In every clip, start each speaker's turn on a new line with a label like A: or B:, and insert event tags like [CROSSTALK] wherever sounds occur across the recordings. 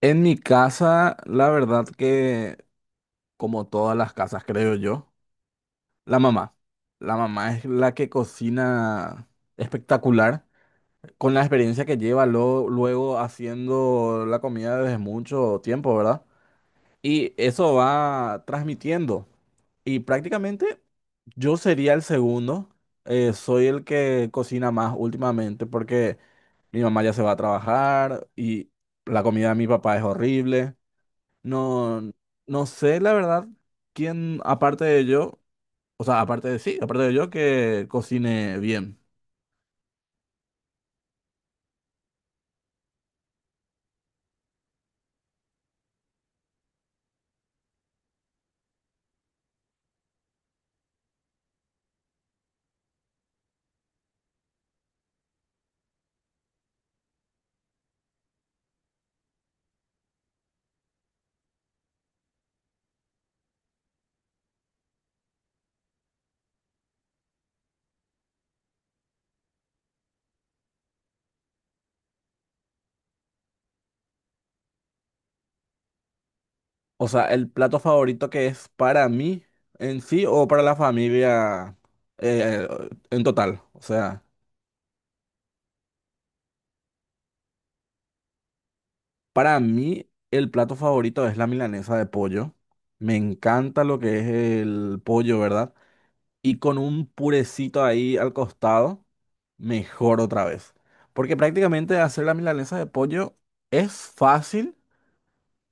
A: En mi casa, la verdad que, como todas las casas, creo yo, la mamá. La mamá es la que cocina espectacular, con la experiencia que lleva luego haciendo la comida desde mucho tiempo, ¿verdad? Y eso va transmitiendo. Y prácticamente yo sería el segundo. Soy el que cocina más últimamente porque mi mamá ya se va a trabajar y la comida de mi papá es horrible. No, no sé la verdad quién, aparte de yo, o sea, aparte de sí, aparte de yo que cocine bien. O sea, el plato favorito que es para mí en sí o para la familia, eh, en total. O sea, para mí el plato favorito es la milanesa de pollo. Me encanta lo que es el pollo, ¿verdad? Y con un purecito ahí al costado, mejor otra vez. Porque prácticamente hacer la milanesa de pollo es fácil,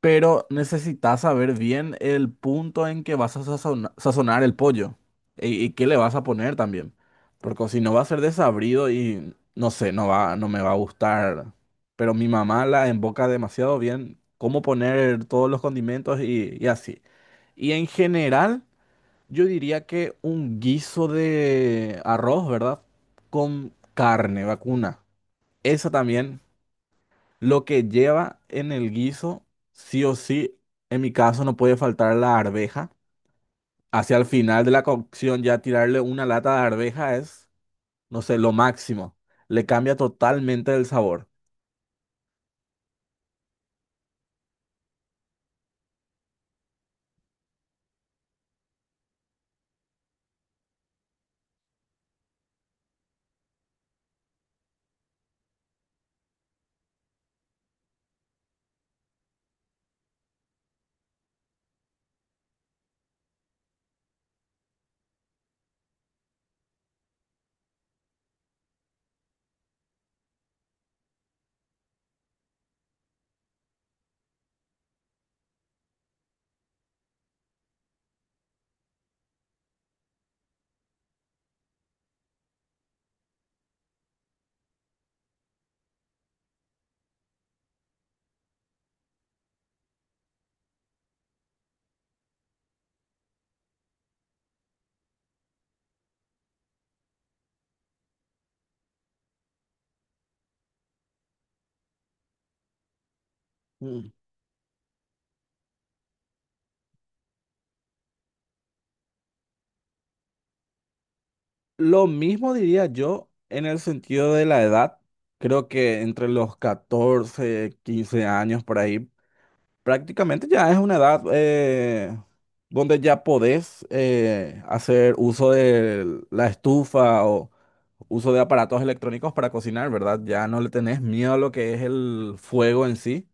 A: pero necesitas saber bien el punto en que vas a sazonar el pollo y, qué le vas a poner también. Porque si no va a ser desabrido y no sé, no va, no me va a gustar. Pero mi mamá la emboca demasiado bien cómo poner todos los condimentos y así. Y en general, yo diría que un guiso de arroz, ¿verdad? Con carne vacuna. Esa también, lo que lleva en el guiso, sí o sí, en mi caso no puede faltar la arveja. Hacia el final de la cocción ya tirarle una lata de arveja es, no sé, lo máximo. Le cambia totalmente el sabor. Mm. Lo mismo diría yo en el sentido de la edad. Creo que entre los 14 15 años por ahí, prácticamente ya es una edad, donde ya podés, hacer uso de la estufa o uso de aparatos electrónicos para cocinar, ¿verdad? Ya no le tenés miedo a lo que es el fuego en sí.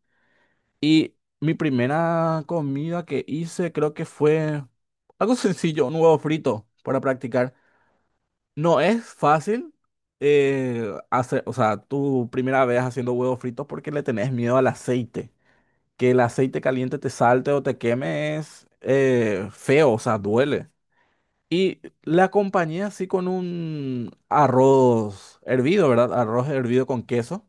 A: Y mi primera comida que hice creo que fue algo sencillo, un huevo frito para practicar. No es fácil, hacer, o sea, tu primera vez haciendo huevos fritos porque le tenés miedo al aceite, que el aceite caliente te salte o te queme es feo, o sea, duele. Y la acompañé así con un arroz hervido, ¿verdad? Arroz hervido con queso.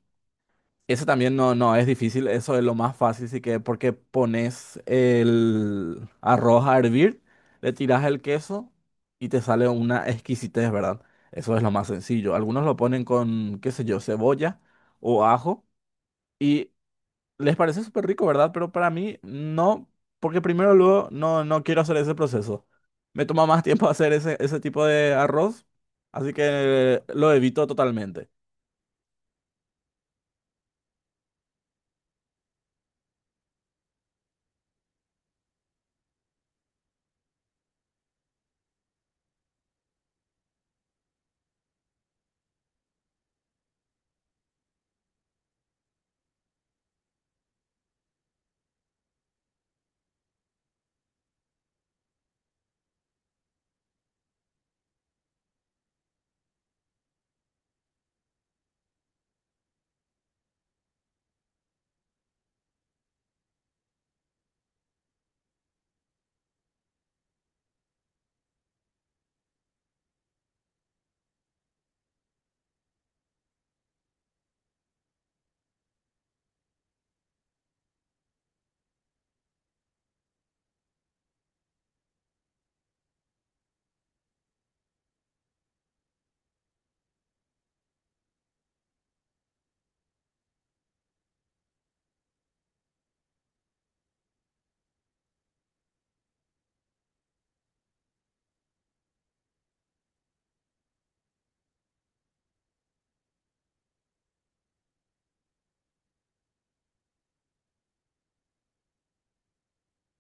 A: Ese también no, no es difícil, eso es lo más fácil, sí, que porque pones el arroz a hervir, le tiras el queso y te sale una exquisitez, ¿verdad? Eso es lo más sencillo. Algunos lo ponen con, qué sé yo, cebolla o ajo. Y les parece súper rico, ¿verdad? Pero para mí no, porque primero luego no, no quiero hacer ese proceso. Me toma más tiempo [LAUGHS] hacer ese tipo de arroz, así que lo evito totalmente.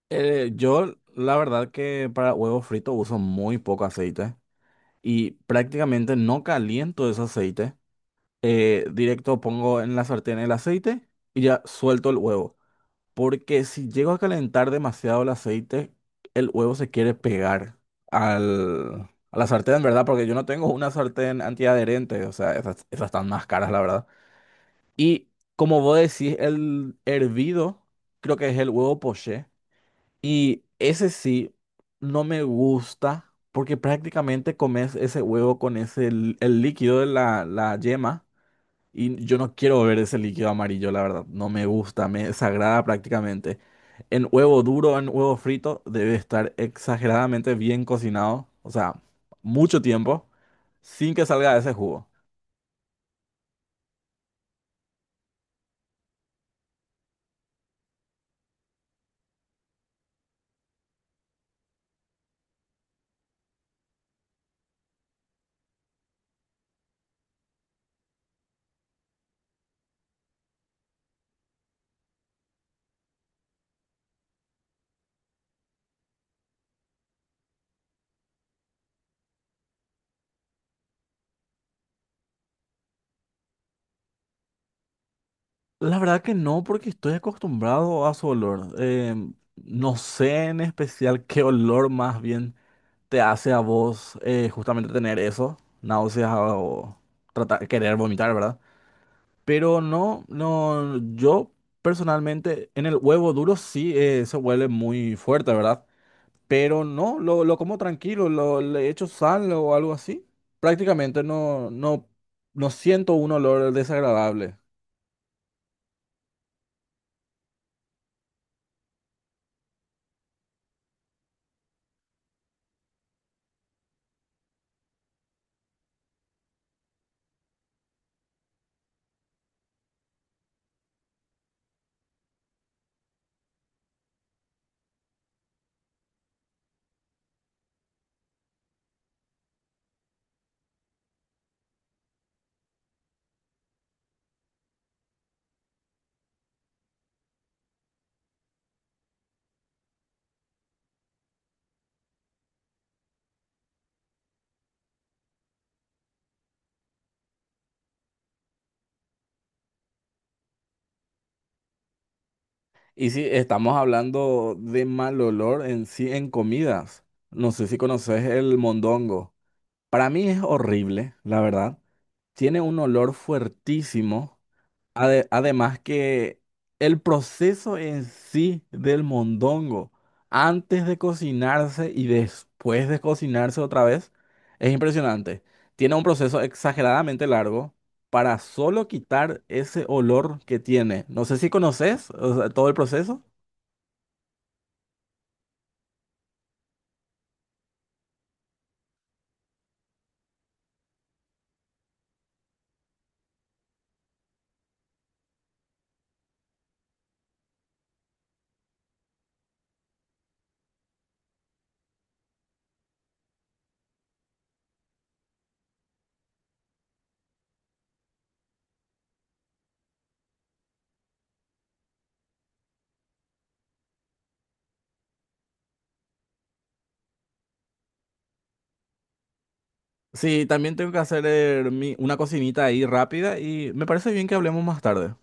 A: Yo, la verdad que para huevos fritos uso muy poco aceite y prácticamente no caliento ese aceite. Directo pongo en la sartén el aceite y ya suelto el huevo. Porque si llego a calentar demasiado el aceite, el huevo se quiere pegar al, a la sartén, ¿verdad? Porque yo no tengo una sartén antiadherente, o sea, esas están más caras, la verdad. Y como vos decís, el hervido, creo que es el huevo poché. Y ese sí, no me gusta, porque prácticamente comes ese huevo con ese, el líquido de la yema. Y yo no quiero ver ese líquido amarillo, la verdad. No me gusta, me desagrada prácticamente. En huevo duro, en huevo frito, debe estar exageradamente bien cocinado. O sea, mucho tiempo sin que salga ese jugo. La verdad que no, porque estoy acostumbrado a su olor. No sé en especial qué olor más bien te hace a vos, justamente tener eso, náuseas o tratar, querer vomitar, ¿verdad? Pero no, yo personalmente en el huevo duro sí, se huele muy fuerte, ¿verdad? Pero no, lo como tranquilo, lo, le echo sal o algo así. Prácticamente no siento un olor desagradable. Y si estamos hablando de mal olor en sí en comidas, no sé si conoces el mondongo. Para mí es horrible, la verdad. Tiene un olor fuertísimo. Además que el proceso en sí del mondongo, antes de cocinarse y después de cocinarse otra vez, es impresionante. Tiene un proceso exageradamente largo para solo quitar ese olor que tiene. No sé si conoces, o sea, todo el proceso. Sí, también tengo que hacer, una cocinita ahí rápida y me parece bien que hablemos más tarde.